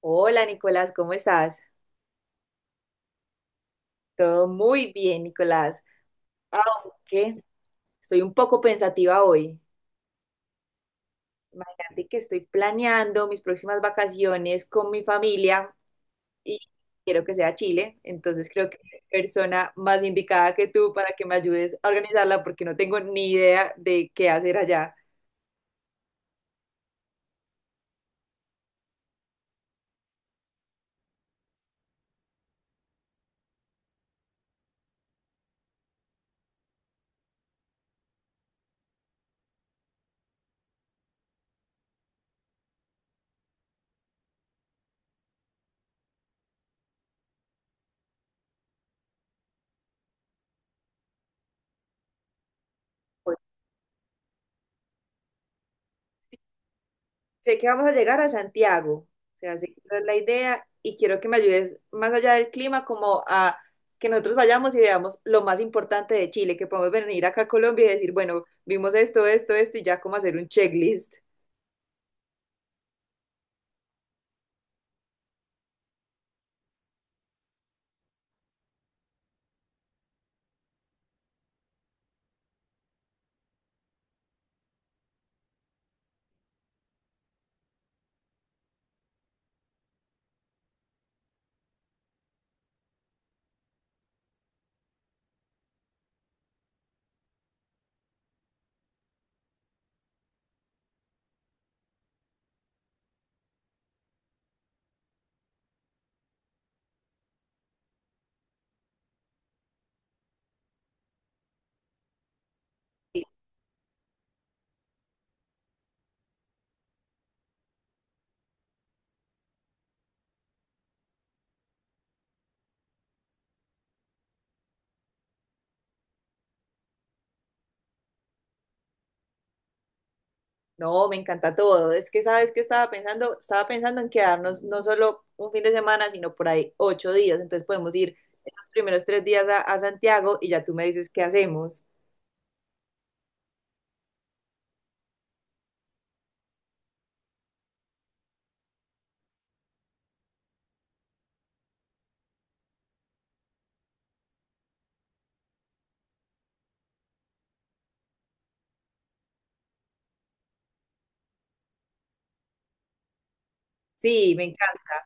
Hola, Nicolás, ¿cómo estás? Todo muy bien, Nicolás. Aunque estoy un poco pensativa hoy. Imagínate que estoy planeando mis próximas vacaciones con mi familia y quiero que sea Chile. Entonces creo que persona más indicada que tú para que me ayudes a organizarla porque no tengo ni idea de qué hacer allá. Sé que vamos a llegar a Santiago, o sea, sé que esa es la idea y quiero que me ayudes más allá del clima, como a que nosotros vayamos y veamos lo más importante de Chile, que podemos venir acá a Colombia y decir, bueno, vimos esto, esto, esto y ya como hacer un checklist. No, me encanta todo. Es que sabes que estaba pensando en quedarnos no solo un fin de semana, sino por ahí 8 días. Entonces podemos ir esos primeros 3 días a Santiago y ya tú me dices qué hacemos. Sí, me encanta.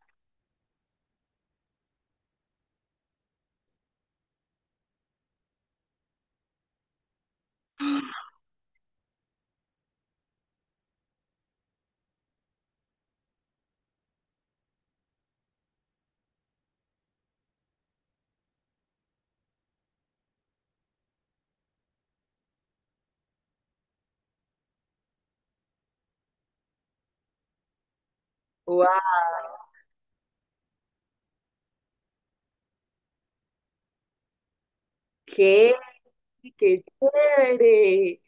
¡Wow! ¿Qué? Qué chévere.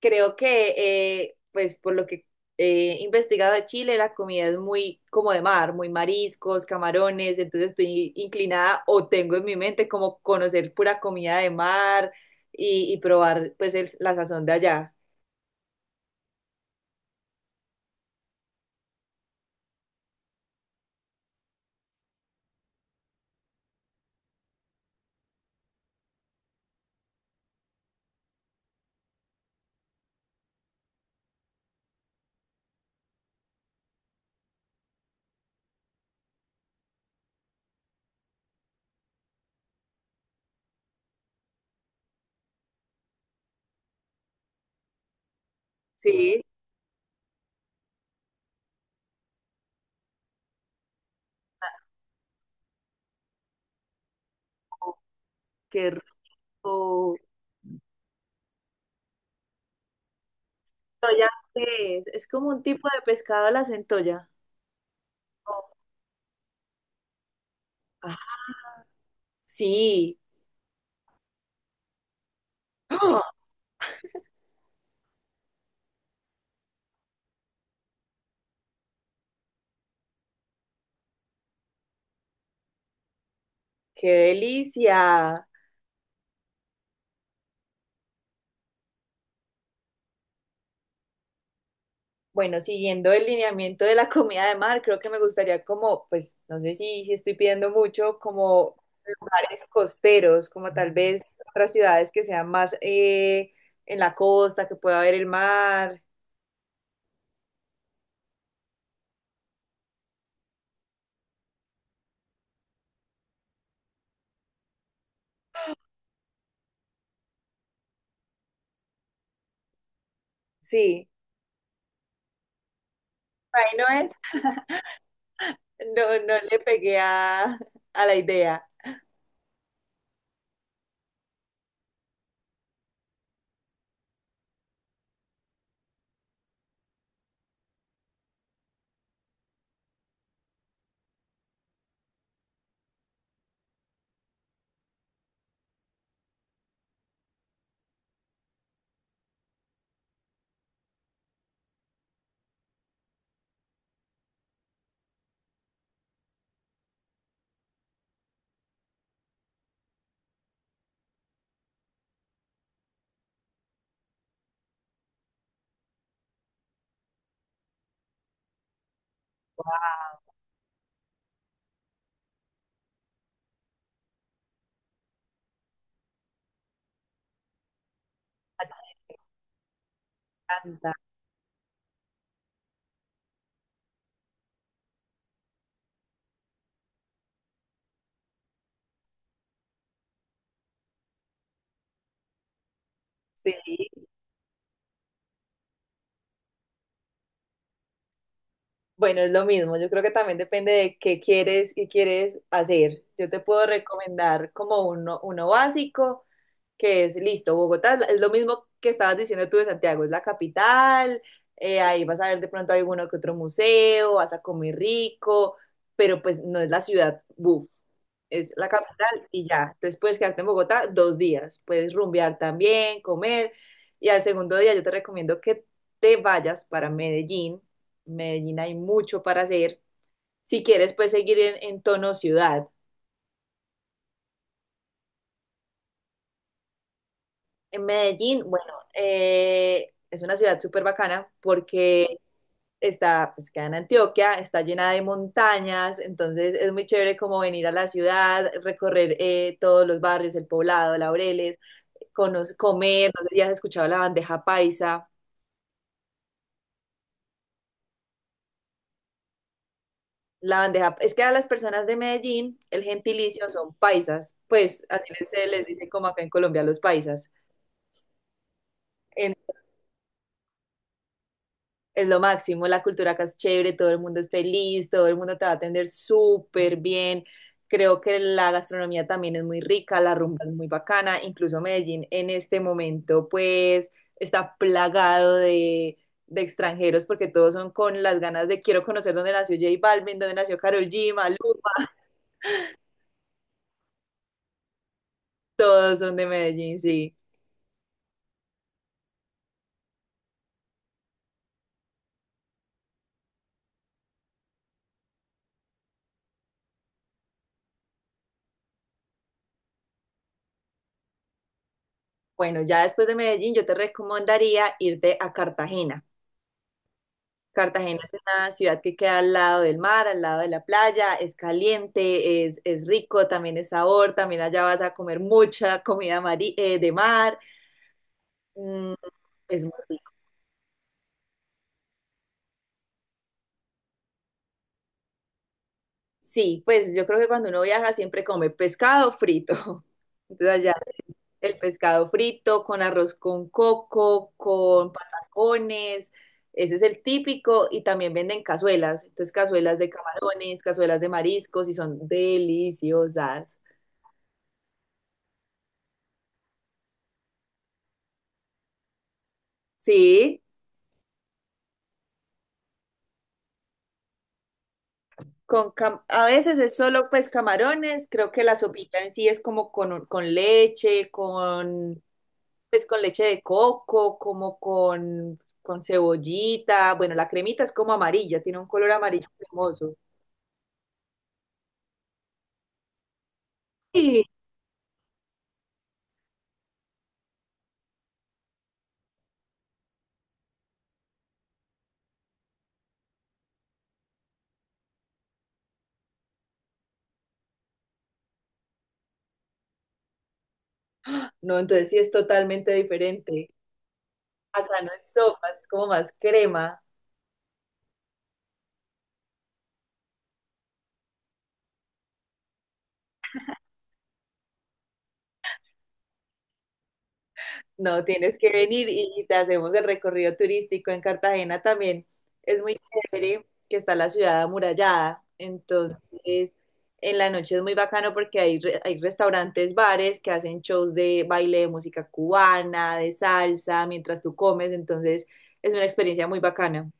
Creo que, pues, por lo que he investigado de Chile, la comida es muy como de mar, muy mariscos, camarones. Entonces estoy inclinada o tengo en mi mente como conocer pura comida de mar y probar, pues, el- la sazón de allá. Sí, qué rico. ¿Centolla qué es? Es como un tipo de pescado la centolla. Ah, sí. ¡Ah! ¡Qué delicia! Bueno, siguiendo el lineamiento de la comida de mar, creo que me gustaría como, pues, no sé si, si estoy pidiendo mucho, como lugares costeros, como tal vez otras ciudades que sean más en la costa, que pueda ver el mar. Sí, ahí no es, no, no le pegué a la idea. Atlanta, sí. Bueno, es lo mismo. Yo creo que también depende de qué quieres hacer. Yo te puedo recomendar como uno, uno básico. Que es listo, Bogotá es lo mismo que estabas diciendo tú de Santiago, es la capital, ahí vas a ver de pronto alguno que otro museo, vas a comer rico, pero pues no es la ciudad, buf, es la capital y ya. Entonces puedes quedarte en Bogotá 2 días, puedes rumbear también, comer, y al segundo día yo te recomiendo que te vayas para Medellín. En Medellín hay mucho para hacer. Si quieres, puedes seguir en tono ciudad. En Medellín, bueno, es una ciudad súper bacana porque está, pues queda en Antioquia, está llena de montañas, entonces es muy chévere como venir a la ciudad, recorrer todos los barrios, el Poblado, Laureles, cono- comer, no sé si has escuchado la bandeja paisa. La bandeja, es que a las personas de Medellín el gentilicio son paisas, pues así les, se les dice como acá en Colombia los paisas. Es lo máximo, la cultura acá es chévere, todo el mundo es feliz, todo el mundo te va a atender súper bien. Creo que la gastronomía también es muy rica, la rumba es muy bacana, incluso Medellín en este momento pues está plagado de extranjeros porque todos son con las ganas de quiero conocer dónde nació J Balvin, dónde nació Karol G, Maluma, todos son de Medellín, sí. Bueno, ya después de Medellín yo te recomendaría irte a Cartagena. Cartagena es una ciudad que queda al lado del mar, al lado de la playa, es caliente, es rico, también es sabor, también allá vas a comer mucha comida mari- de mar, mm, es muy rico. Sí, pues yo creo que cuando uno viaja siempre come pescado frito. Entonces allá el pescado frito con arroz con coco, con patacones, ese es el típico y también venden cazuelas, entonces cazuelas de camarones, cazuelas de mariscos y son deliciosas. Sí. Con cam- a veces es solo pues camarones, creo que la sopita en sí es como con leche, con pues con leche de coco, como con cebollita, bueno, la cremita es como amarilla, tiene un color amarillo cremoso. Sí. No, entonces sí es totalmente diferente. Acá no es sopa, es como más crema. No, tienes que venir y te hacemos el recorrido turístico en Cartagena también. Es muy chévere que está la ciudad amurallada, entonces en la noche es muy bacano porque hay, re- hay restaurantes, bares que hacen shows de baile, de música cubana, de salsa, mientras tú comes, entonces es una experiencia muy bacana.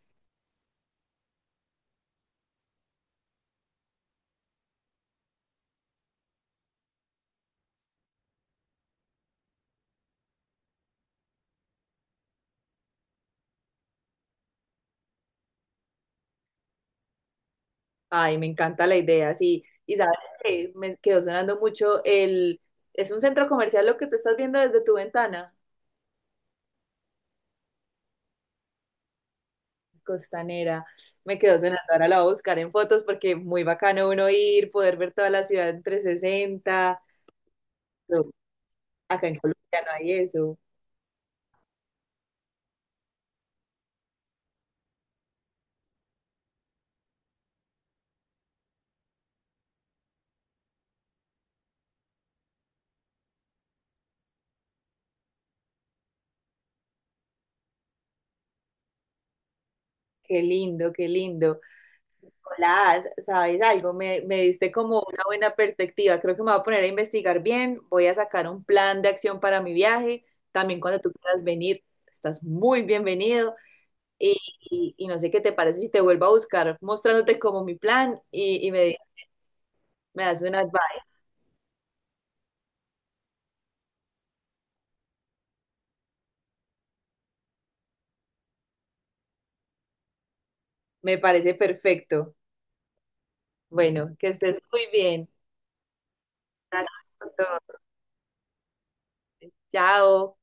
Ay, me encanta la idea, sí. Y sabes que me quedó sonando mucho el... Es un centro comercial lo que tú estás viendo desde tu ventana. Costanera. Me quedó sonando, ahora la voy a buscar en fotos porque muy bacano uno ir, poder ver toda la ciudad en 360. No, acá en Colombia no hay eso. Qué lindo, qué lindo. Hola, ¿sabes algo? Me diste como una buena perspectiva. Creo que me voy a poner a investigar bien. Voy a sacar un plan de acción para mi viaje. También cuando tú quieras venir, estás muy bienvenido. Y, y no sé qué te parece si te vuelvo a buscar mostrándote como mi plan y me das un advice. Me parece perfecto. Bueno, que estés muy bien. Gracias por todo. Chao.